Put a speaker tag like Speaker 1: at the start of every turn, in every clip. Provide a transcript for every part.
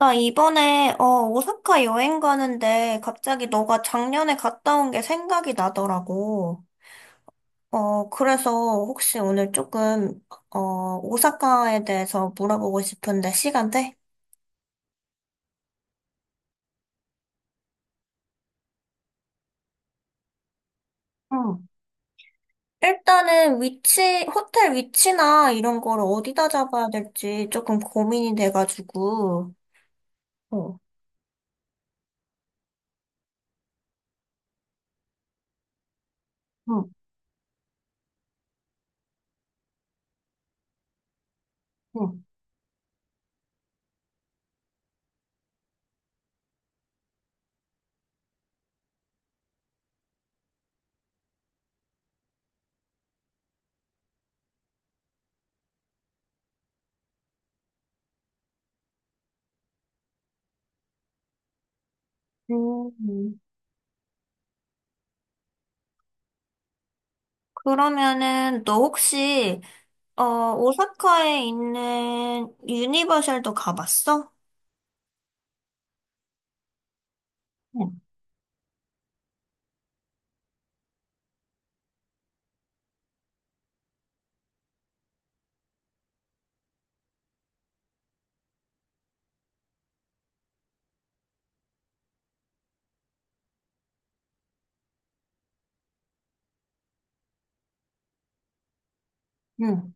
Speaker 1: 나 이번에, 오사카 여행 가는데 갑자기 너가 작년에 갔다 온 게 생각이 나더라고. 그래서 혹시 오늘 조금, 오사카에 대해서 물어보고 싶은데 시간 돼? 응. 일단은 위치, 호텔 위치나 이런 거를 어디다 잡아야 될지 조금 고민이 돼가지고. 어, 응, 응. 음, 그러면은 너 혹시, 어, 오사카에 있는 유니버셜도 가봤어? 응. 응.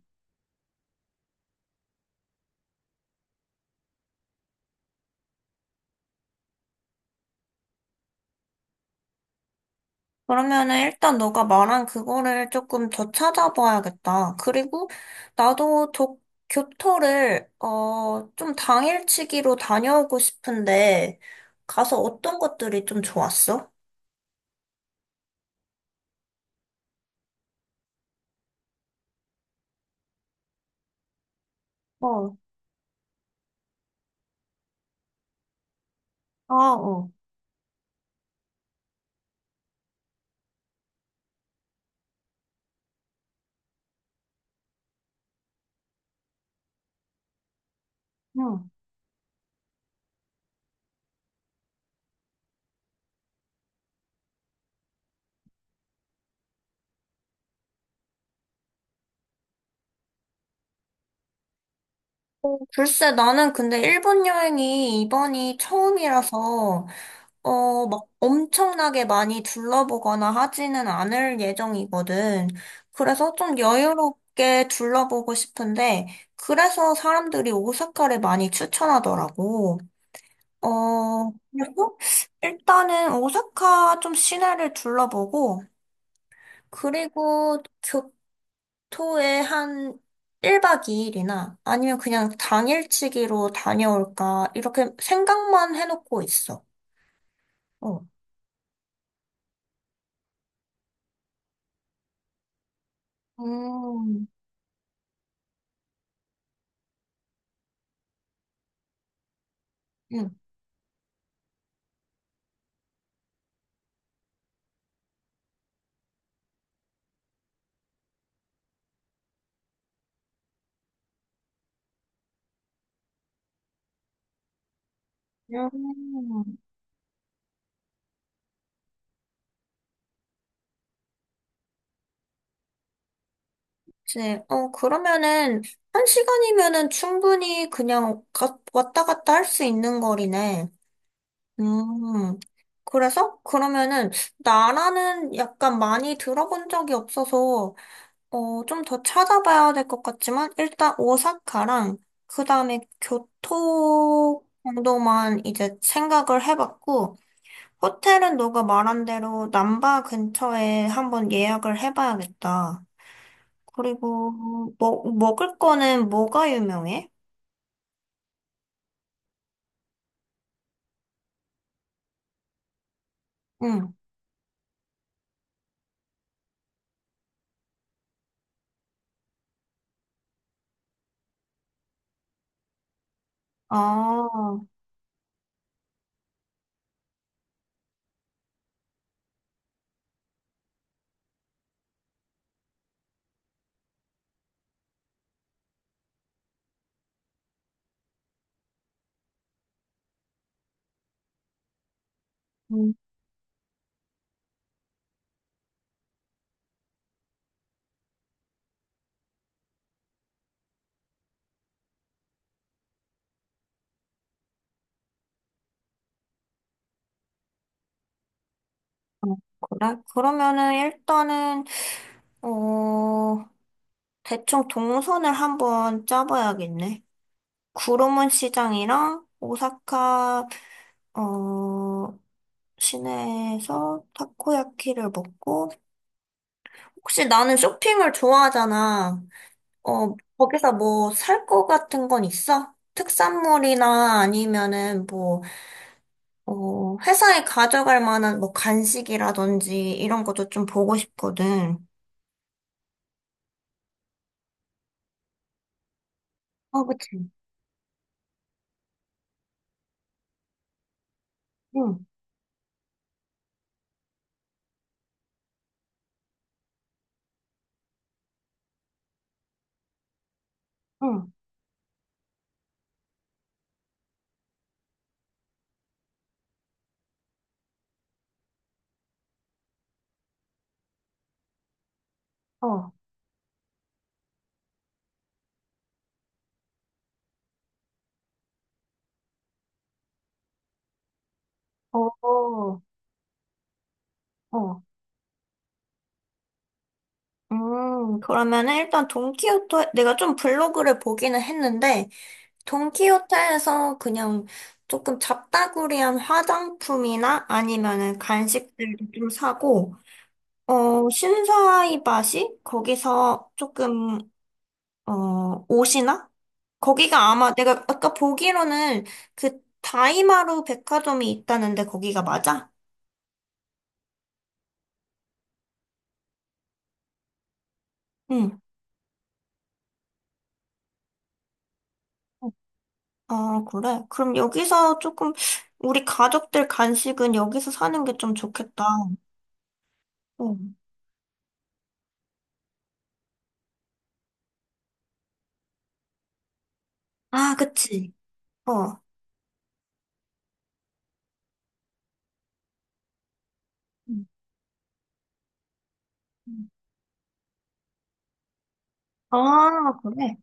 Speaker 1: 그러면은 일단 너가 말한 그거를 조금 더 찾아봐야겠다. 그리고 나도 교토를 좀 당일치기로 다녀오고 싶은데 가서 어떤 것들이 좀 좋았어? 어, 아, 어. 응. 글쎄, 나는 근데 일본 여행이 이번이 처음이라서 막 엄청나게 많이 둘러보거나 하지는 않을 예정이거든. 그래서 좀 여유롭게 둘러보고 싶은데, 그래서 사람들이 오사카를 많이 추천하더라고. 그리고 일단은 오사카 좀 시내를 둘러보고, 그리고 교토에 한 1박 2일이나 아니면 그냥 당일치기로 다녀올까, 이렇게 생각만 해놓고 있어. 어. 음. 음. 음, 이제, 그러면은, 한 시간이면은 충분히 그냥 왔다 갔다 할 수 있는 거리네. 음, 그래서? 그러면은, 나라는 약간 많이 들어본 적이 없어서, 좀 더 찾아봐야 될 것 같지만, 일단 오사카랑, 그 다음에 교토 정도만 이제 생각을 해봤고, 호텔은 너가 말한 대로 남바 근처에 한번 예약을 해봐야겠다. 그리고 먹 먹을 거는 뭐가 유명해? 응. 아, 음, 어, 그래? 그러면은 일단은 어 대충 동선을 한번 짜봐야겠네. 구로문 시장이랑 오사카 어 시내에서 타코야키를 먹고 혹시 나는 쇼핑을 좋아하잖아. 거기서 뭐 살 거 같은 건 있어? 특산물이나 아니면은 뭐 회사에 가져갈 만한 뭐 간식이라든지 이런 것도 좀 보고 싶거든. 어, 그치. 응, 응, 어, 어, 어. 그러면은 일단 돈키호테, 내가 좀 블로그를 보기는 했는데, 돈키호테에서 그냥 조금 잡다구리한 화장품이나 아니면은 간식들도 좀 사고, 신사이바시? 거기서 조금 옷이나? 거기가 아마 내가 아까 보기로는 그 다이마루 백화점이 있다는데 거기가 맞아? 응. 아, 그래? 그럼 여기서 조금 우리 가족들 간식은 여기서 사는 게 좀 좋겠다. 어. 아, 그치. 어. 음, 음. 아, 그래.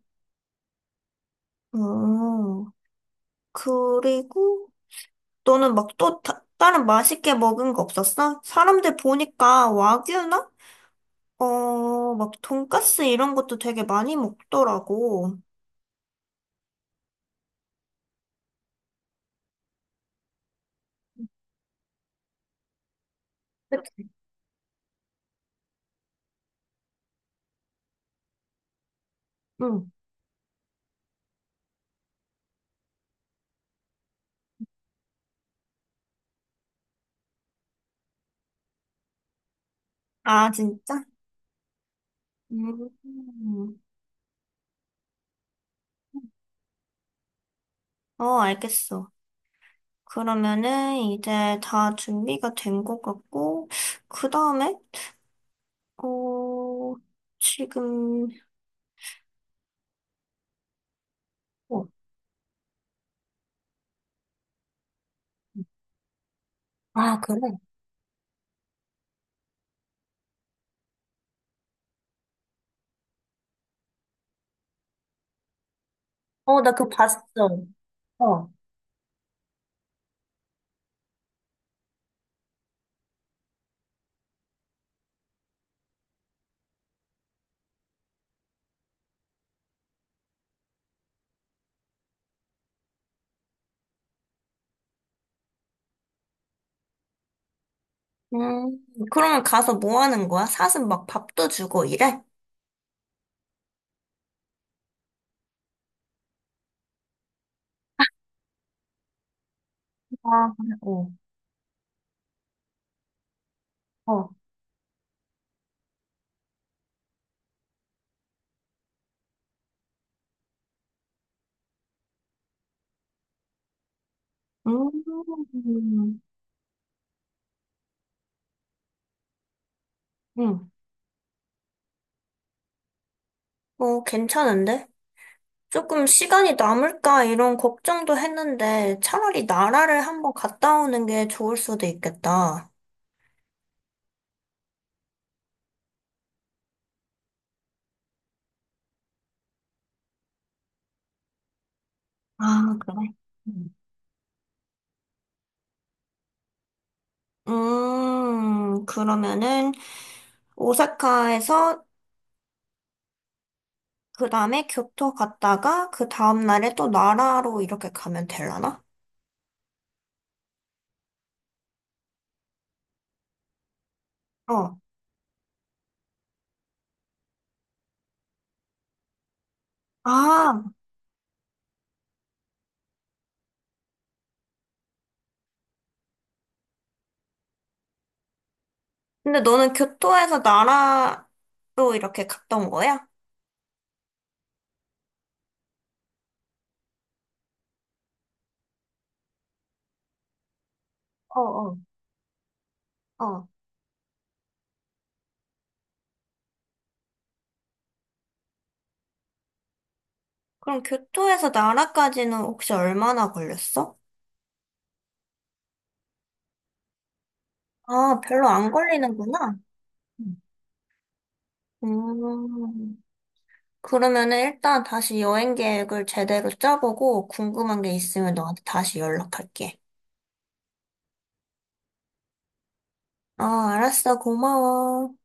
Speaker 1: 음. 그리고 너는 막 또 다른 맛있게 먹은 거 없었어? 사람들 보니까 와규나? 막 돈까스 이런 것도 되게 많이 먹더라고. 그치? 응. 아, 진짜? 음. 어, 알겠어. 그러면은 이제 다 준비가 된 것 같고, 그 다음에, 어, 지금, 어. 아, 그래? 어, 나 그거 봤어. 어. 음, 그러면 가서 뭐 하는 거야? 사슴 막 밥도 주고 이래? 아, 그래. 어. 어. 음, 응. 어, 괜찮은데? 조금 시간이 남을까 이런 걱정도 했는데 차라리 나라를 한번 갔다 오는 게 좋을 수도 있겠다. 아, 그래. 음. 그러면은 오사카에서 그 다음에 교토 갔다가 그 다음 날에 또 나라로 이렇게 가면 되려나? 어. 아, 근데 너는 교토에서 나라로 이렇게 갔던 거야? 어, 어. 어. 그럼 교토에서 나라까지는 혹시 얼마나 걸렸어? 아, 별로 안 걸리는구나. 음, 그러면은 일단 다시 여행 계획을 제대로 짜보고 궁금한 게 있으면 너한테 다시 연락할게. 아, 알았어. 고마워.